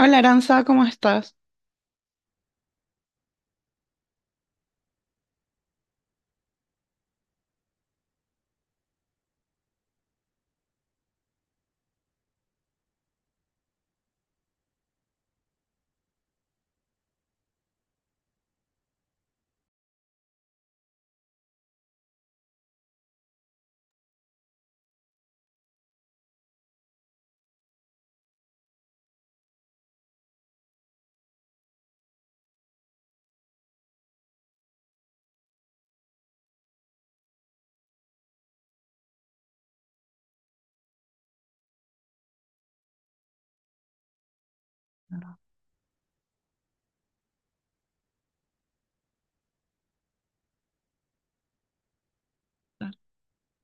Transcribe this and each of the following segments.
Hola Aranza, ¿cómo estás?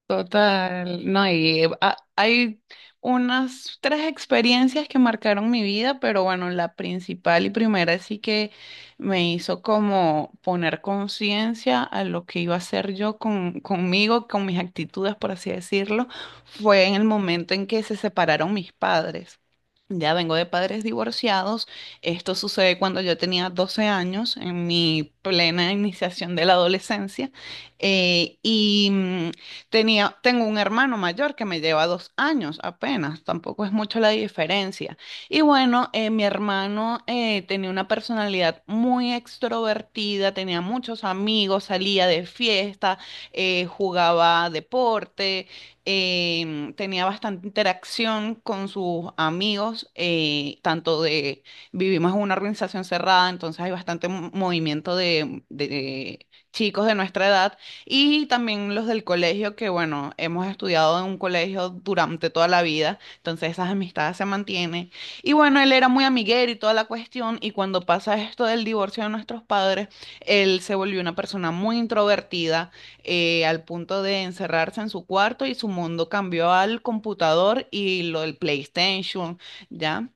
Total, no, y hay unas tres experiencias que marcaron mi vida, pero bueno, la principal y primera sí que me hizo como poner conciencia a lo que iba a hacer yo conmigo, con mis actitudes, por así decirlo, fue en el momento en que se separaron mis padres. Ya vengo de padres divorciados. Esto sucede cuando yo tenía 12 años, en mi plena iniciación de la adolescencia. Eh, y mm, Tengo un hermano mayor que me lleva 2 años apenas, tampoco es mucho la diferencia. Y bueno, mi hermano tenía una personalidad muy extrovertida, tenía muchos amigos, salía de fiesta, jugaba deporte, tenía bastante interacción con sus amigos, vivimos en una organización cerrada, entonces hay bastante movimiento de chicos de nuestra edad y también los del colegio, que bueno, hemos estudiado en un colegio durante toda la vida, entonces esas amistades se mantienen. Y bueno, él era muy amiguero y toda la cuestión, y cuando pasa esto del divorcio de nuestros padres, él se volvió una persona muy introvertida, al punto de encerrarse en su cuarto y su mundo cambió al computador y lo del PlayStation, ¿ya?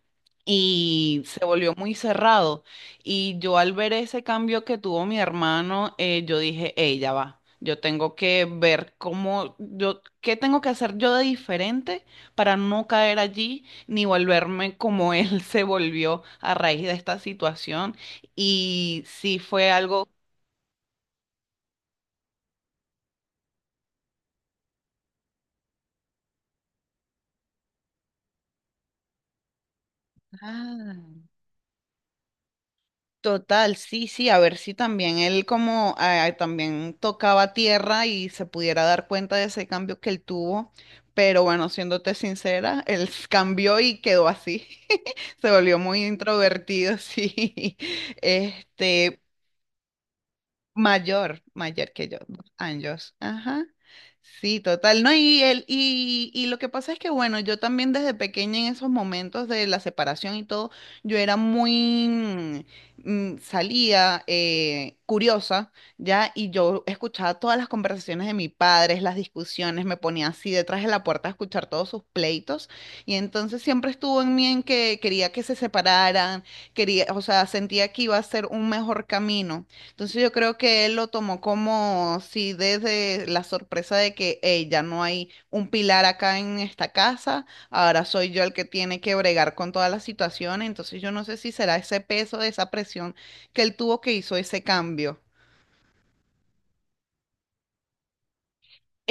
Y se volvió muy cerrado. Y yo al ver ese cambio que tuvo mi hermano, yo dije, ella va, yo tengo que ver cómo, yo, qué tengo que hacer yo de diferente para no caer allí ni volverme como él se volvió a raíz de esta situación. Y sí fue algo. Ah. Total, sí, sí, a ver si también él como también tocaba tierra y se pudiera dar cuenta de ese cambio que él tuvo, pero bueno, siéndote sincera, él cambió y quedó así, se volvió muy introvertido, sí, este, Mayor, mayor que yo, 2 años. Ajá. Sí, total. No, y él, y lo que pasa es que, bueno, yo también desde pequeña en esos momentos de la separación y todo, yo era muy, salía, curiosa, ya, y yo escuchaba todas las conversaciones de mis padres, las discusiones, me ponía así detrás de la puerta a escuchar todos sus pleitos, y entonces siempre estuvo en mí en que quería que se separaran, quería, o sea, sentía que iba a ser un mejor camino. Entonces yo creo que él lo tomó como si desde la sorpresa de que "Ey, ya no hay un pilar acá en esta casa, ahora soy yo el que tiene que bregar con todas las situaciones, entonces yo no sé si será ese peso, esa presión que él tuvo que hizo ese cambio".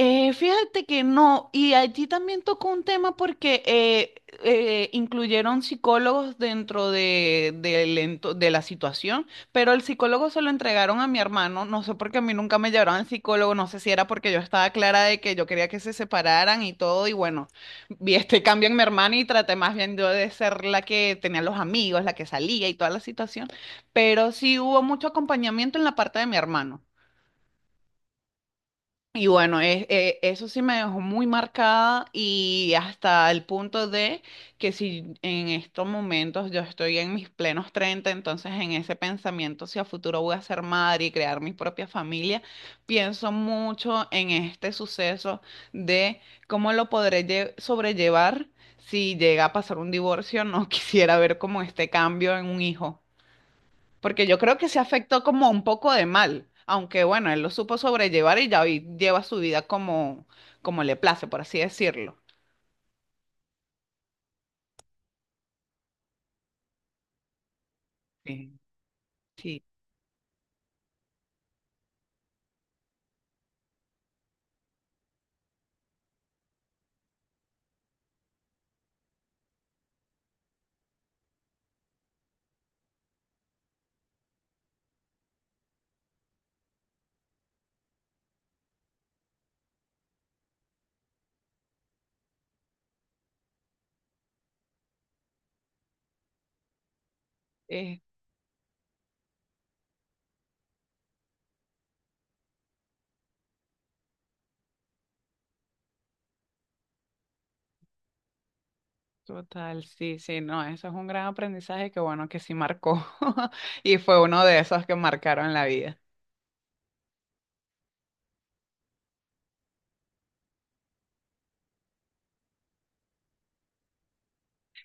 Fíjate que no, y allí también tocó un tema porque incluyeron psicólogos dentro de la situación, pero el psicólogo se lo entregaron a mi hermano, no sé por qué a mí nunca me llevaron al psicólogo, no sé si era porque yo estaba clara de que yo quería que se separaran y todo, y bueno, vi este cambio en mi hermano y traté más bien yo de ser la que tenía los amigos, la que salía y toda la situación, pero sí hubo mucho acompañamiento en la parte de mi hermano. Y bueno, eso sí me dejó muy marcada y hasta el punto de que si en estos momentos yo estoy en mis plenos 30, entonces en ese pensamiento si a futuro voy a ser madre y crear mi propia familia, pienso mucho en este suceso de cómo lo podré sobrellevar si llega a pasar un divorcio, no quisiera ver como este cambio en un hijo. Porque yo creo que se afectó como un poco de mal, aunque bueno, él lo supo sobrellevar y ya hoy lleva su vida como, como le place, por así decirlo. Sí. Sí, es total, sí, sí, no, eso es un gran aprendizaje que bueno, que sí marcó y fue uno de esos que marcaron la vida.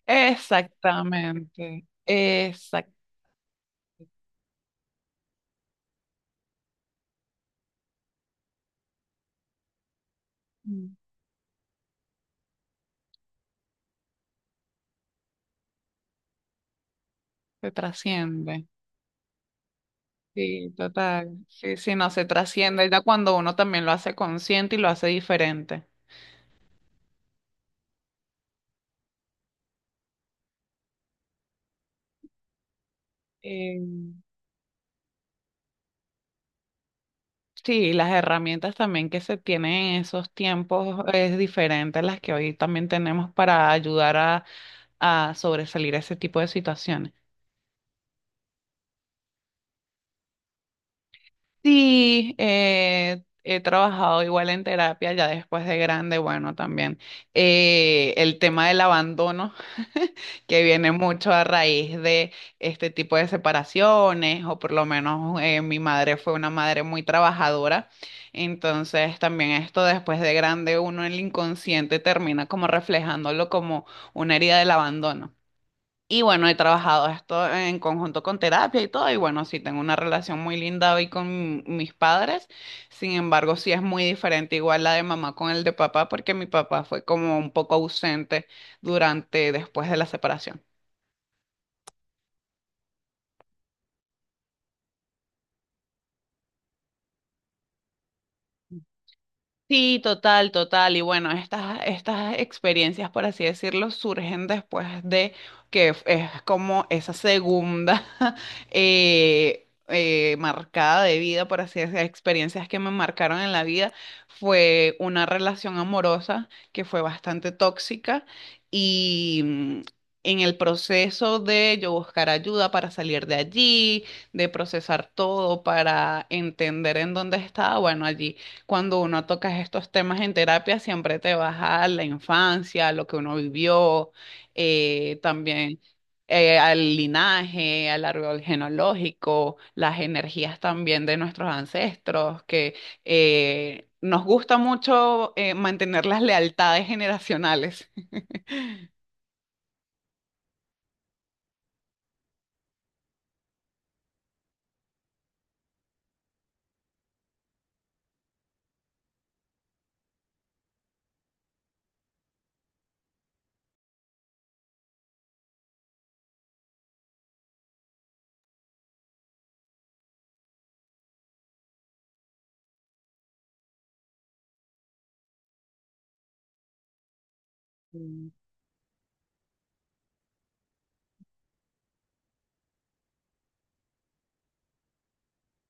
Exactamente, exacto, se trasciende. Sí, total. Sí, sí, no, se trasciende ya cuando uno también lo hace consciente y lo hace diferente. Eh, Sí, las herramientas también que se tienen en esos tiempos es diferente a las que hoy también tenemos para ayudar a sobresalir ese tipo de situaciones. Sí, he trabajado igual en terapia ya después de grande, bueno, también el tema del abandono, que viene mucho a raíz de este tipo de separaciones, o por lo menos mi madre fue una madre muy trabajadora, entonces también esto después de grande uno en el inconsciente termina como reflejándolo como una herida del abandono. Y bueno, he trabajado esto en conjunto con terapia y todo, y bueno, sí tengo una relación muy linda hoy con mis padres, sin embargo, sí es muy diferente igual la de mamá con el de papá, porque mi papá fue como un poco ausente durante, después de la separación. Sí, total, total. Y bueno, estas experiencias, por así decirlo, surgen después de que es como esa segunda marcada de vida, por así decirlo, experiencias que me marcaron en la vida. Fue una relación amorosa que fue bastante tóxica y en el proceso de yo buscar ayuda para salir de allí, de procesar todo, para entender en dónde estaba, bueno, allí cuando uno toca estos temas en terapia, siempre te vas a la infancia, a lo que uno vivió, también al linaje, al árbol genealógico, las energías también de nuestros ancestros, que nos gusta mucho mantener las lealtades generacionales.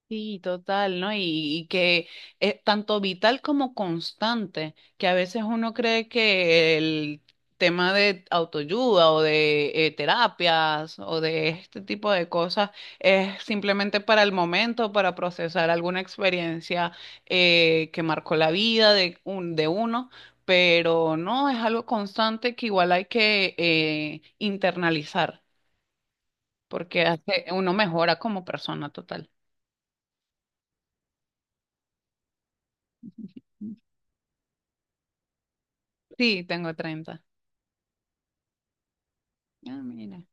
Sí, total, ¿no? Y que es tanto vital como constante, que a veces uno cree que el tema de autoayuda o de terapias o de este tipo de cosas es simplemente para el momento, para procesar alguna experiencia que marcó la vida de uno, pero no, es algo constante que igual hay que internalizar, porque hace, uno mejora como persona total. Sí, tengo 30. Ah, mira.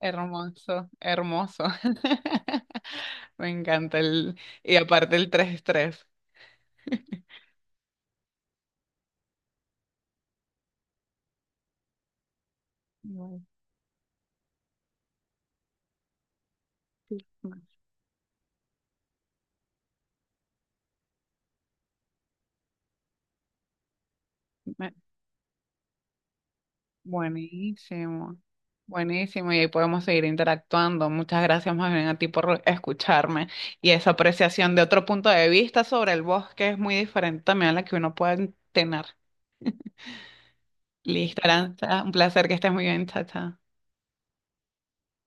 Hermoso, hermoso. Me encanta el. Y aparte el 33. Buenísimo. Me- Buenísimo. Buenísimo, y ahí podemos seguir interactuando. Muchas gracias más bien a ti por escucharme y esa apreciación de otro punto de vista sobre el bosque es muy diferente también a la que uno puede tener. Listo, Aranza, un placer que estés muy bien, chacha.